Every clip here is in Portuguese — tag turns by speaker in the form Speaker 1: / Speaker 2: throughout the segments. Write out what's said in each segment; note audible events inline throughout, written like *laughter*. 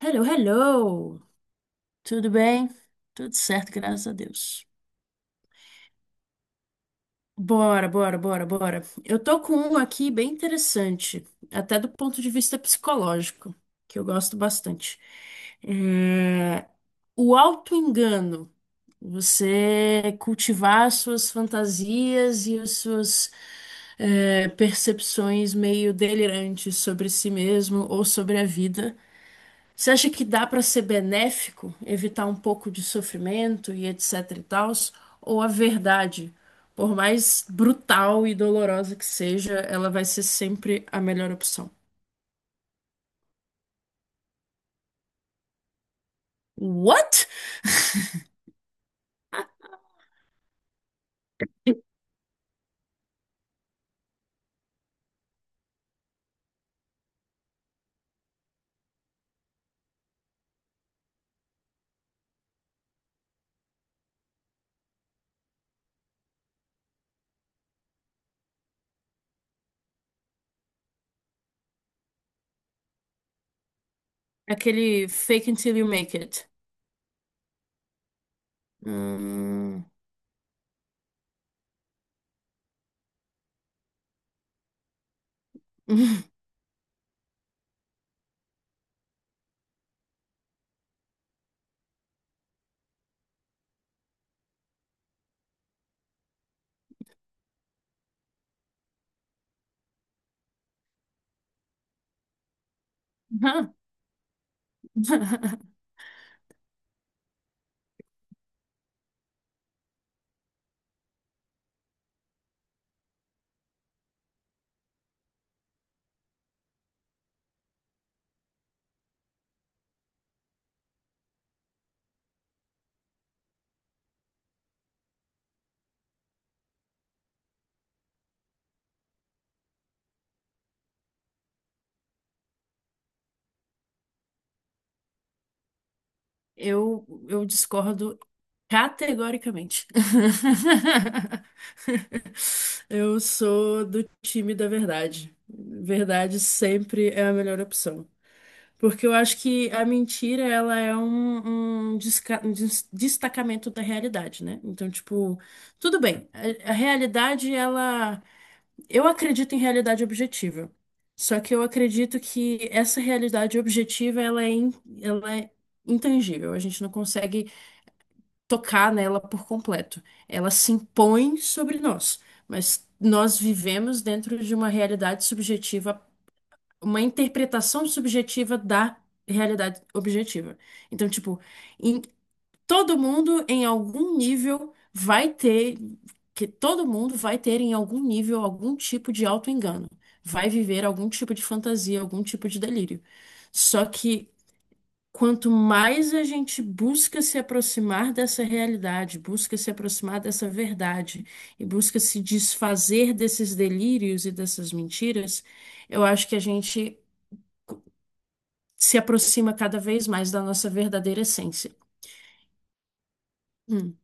Speaker 1: Hello, hello! Tudo bem? Tudo certo, graças a Deus. Bora, bora, bora, bora. Eu tô com um aqui bem interessante, até do ponto de vista psicológico, que eu gosto bastante. É, O auto-engano. Você cultivar as suas fantasias e as suas percepções meio delirantes sobre si mesmo ou sobre a vida. Você acha que dá para ser benéfico, evitar um pouco de sofrimento e etc e tals, ou a verdade, por mais brutal e dolorosa que seja, ela vai ser sempre a melhor opção? What? Aquele fake until you make it. Hum. *laughs* Eu discordo categoricamente. *laughs* Eu sou do time da verdade. Verdade sempre é a melhor opção. Porque eu acho que a mentira, ela é um destacamento da realidade, né? Então, tipo, tudo bem. A realidade, ela. Eu acredito em realidade objetiva. Só que eu acredito que essa realidade objetiva, ela é intangível. A gente não consegue tocar nela por completo. Ela se impõe sobre nós. Mas nós vivemos dentro de uma realidade subjetiva, uma interpretação subjetiva da realidade objetiva. Então, tipo, em- todo mundo em algum nível vai ter, que todo mundo vai ter em algum nível algum tipo de auto-engano, vai viver algum tipo de fantasia, algum tipo de delírio. Só que quanto mais a gente busca se aproximar dessa realidade, busca se aproximar dessa verdade e busca se desfazer desses delírios e dessas mentiras, eu acho que a gente se aproxima cada vez mais da nossa verdadeira essência. Hum.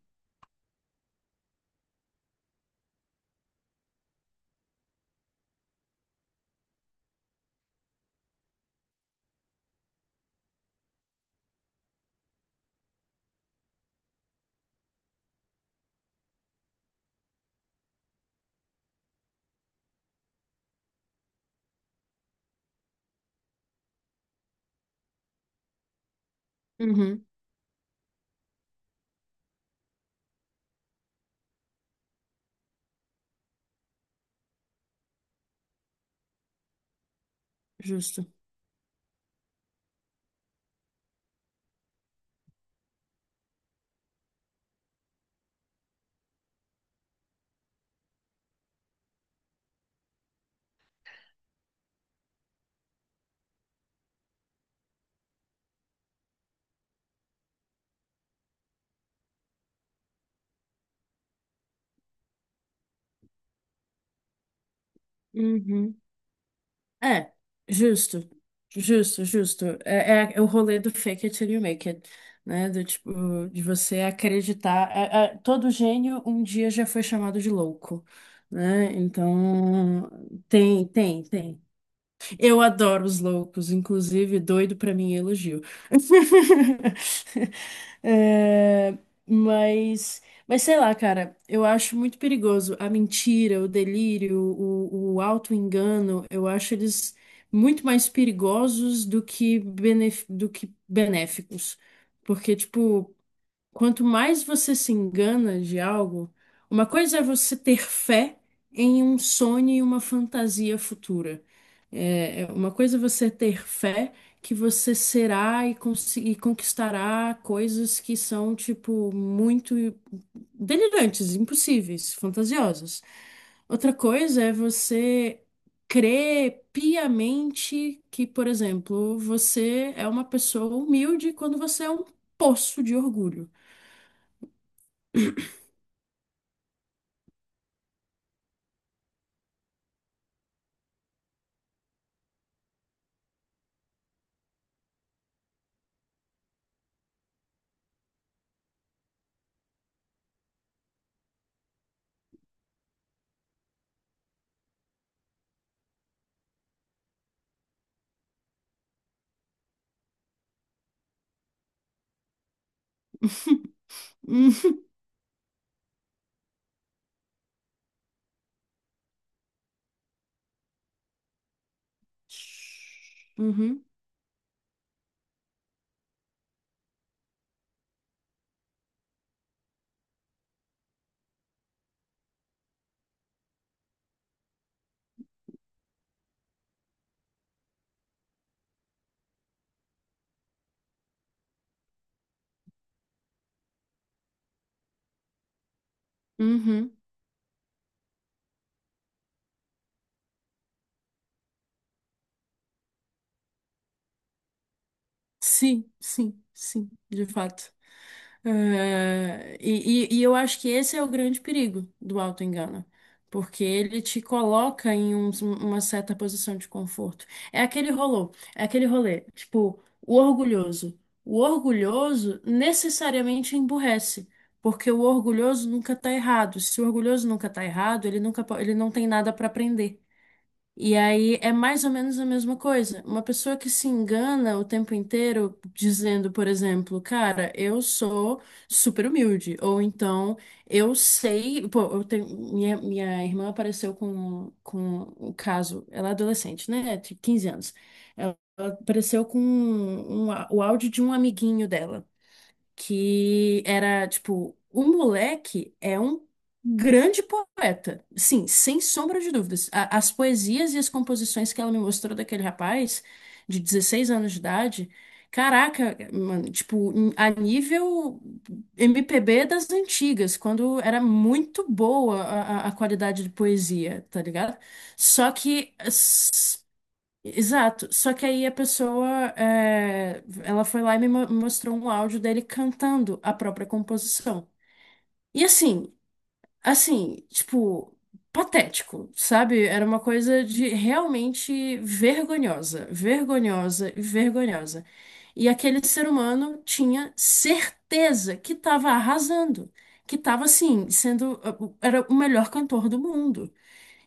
Speaker 1: Uhum, justo. Uhum. É, justo. Justo, justo. É, é o rolê do fake it till you make it, né? Do tipo, de você acreditar. Todo gênio um dia já foi chamado de louco, né? Então, tem. Eu adoro os loucos, inclusive, doido pra mim é elogio. *laughs* É, mas, mas sei lá, cara, eu acho muito perigoso a mentira, o delírio, o auto-engano. Eu acho eles muito mais perigosos do que, benéficos. Porque, tipo, quanto mais você se engana de algo, uma coisa é você ter fé em um sonho e uma fantasia futura. Uma coisa é você ter fé que você será e conquistará coisas que são, tipo, muito delirantes, impossíveis, fantasiosas. Outra coisa é você crer piamente que, por exemplo, você é uma pessoa humilde quando você é um poço de orgulho. *laughs* Hum. Uhum, uhum. Sim, sim, sim, de fato. Eu acho que esse é o grande perigo do autoengano, porque ele te coloca em uma certa posição de conforto. É aquele rolô, é aquele rolê, tipo, o orgulhoso. O orgulhoso necessariamente emburrece, porque o orgulhoso nunca tá errado. Se o orgulhoso nunca tá errado, ele nunca, po- ele não tem nada para aprender. E aí é mais ou menos a mesma coisa. Uma pessoa que se engana o tempo inteiro dizendo, por exemplo, cara, eu sou super humilde, ou então eu sei, pô, eu tenho- minha irmã apareceu com o caso, ela é adolescente, né? Tipo 15 anos. Ela apareceu com o áudio de um amiguinho dela que era tipo, o moleque é um grande poeta. Sim, sem sombra de dúvidas. As poesias e as composições que ela me mostrou daquele rapaz de 16 anos de idade, caraca, mano, tipo, a nível MPB das antigas, quando era muito boa a qualidade de poesia, tá ligado? Só que. Exato, só que aí a pessoa, é, ela foi lá e me mostrou um áudio dele cantando a própria composição. E assim, assim, tipo, patético, sabe? Era uma coisa de realmente vergonhosa, vergonhosa e vergonhosa. E aquele ser humano tinha certeza que estava arrasando, que estava assim, sendo, era o melhor cantor do mundo.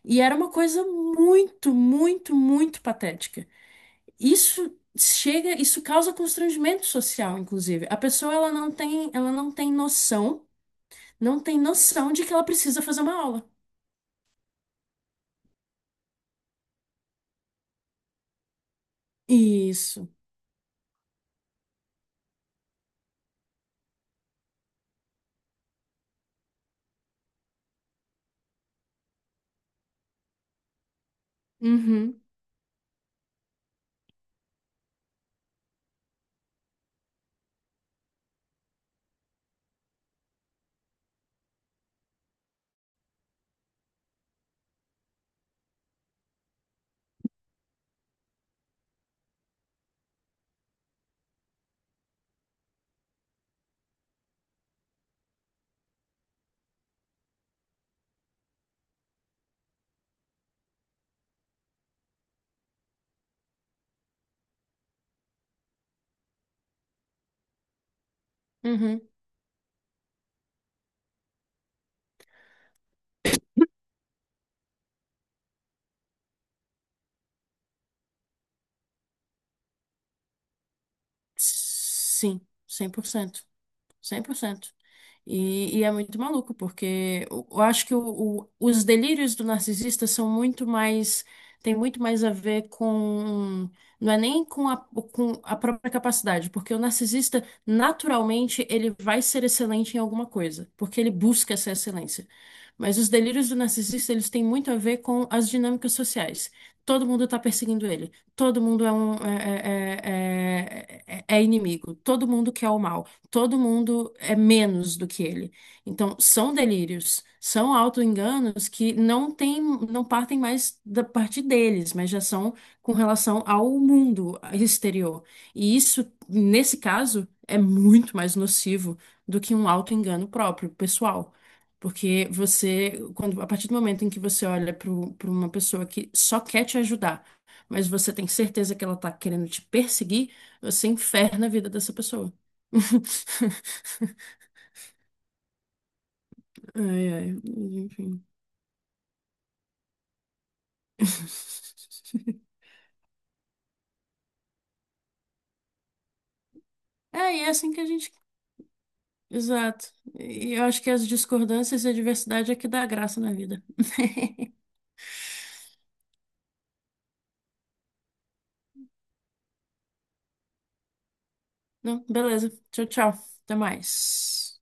Speaker 1: E era uma coisa muito, muito, muito patética, isso chega, isso causa constrangimento social, inclusive. A pessoa ela não tem noção, não tem noção de que ela precisa fazer uma aula. Isso. Uhum, uhum. Sim, cem por cento, 100%. E é muito maluco, porque eu acho que os delírios do narcisista são muito mais, tem muito mais a ver com, não é nem com com a própria capacidade, porque o narcisista, naturalmente, ele vai ser excelente em alguma coisa, porque ele busca essa excelência. Mas os delírios do narcisista, eles têm muito a ver com as dinâmicas sociais. Todo mundo está perseguindo ele, todo mundo é um, inimigo, todo mundo quer o mal, todo mundo é menos do que ele. Então, são delírios, são autoenganos que não tem, não partem mais da parte deles, mas já são com relação ao mundo exterior. E isso, nesse caso, é muito mais nocivo do que um autoengano próprio, pessoal. Porque você, quando, a partir do momento em que você olha para uma pessoa que só quer te ajudar, mas você tem certeza que ela está querendo te perseguir, você inferna a vida dessa pessoa. *laughs* Ai, ai, mas enfim. *laughs* É, e é assim que a gente. Exato. E eu acho que as discordâncias e a diversidade é que dá graça na vida. *laughs* Não, beleza. Tchau, tchau. Até mais.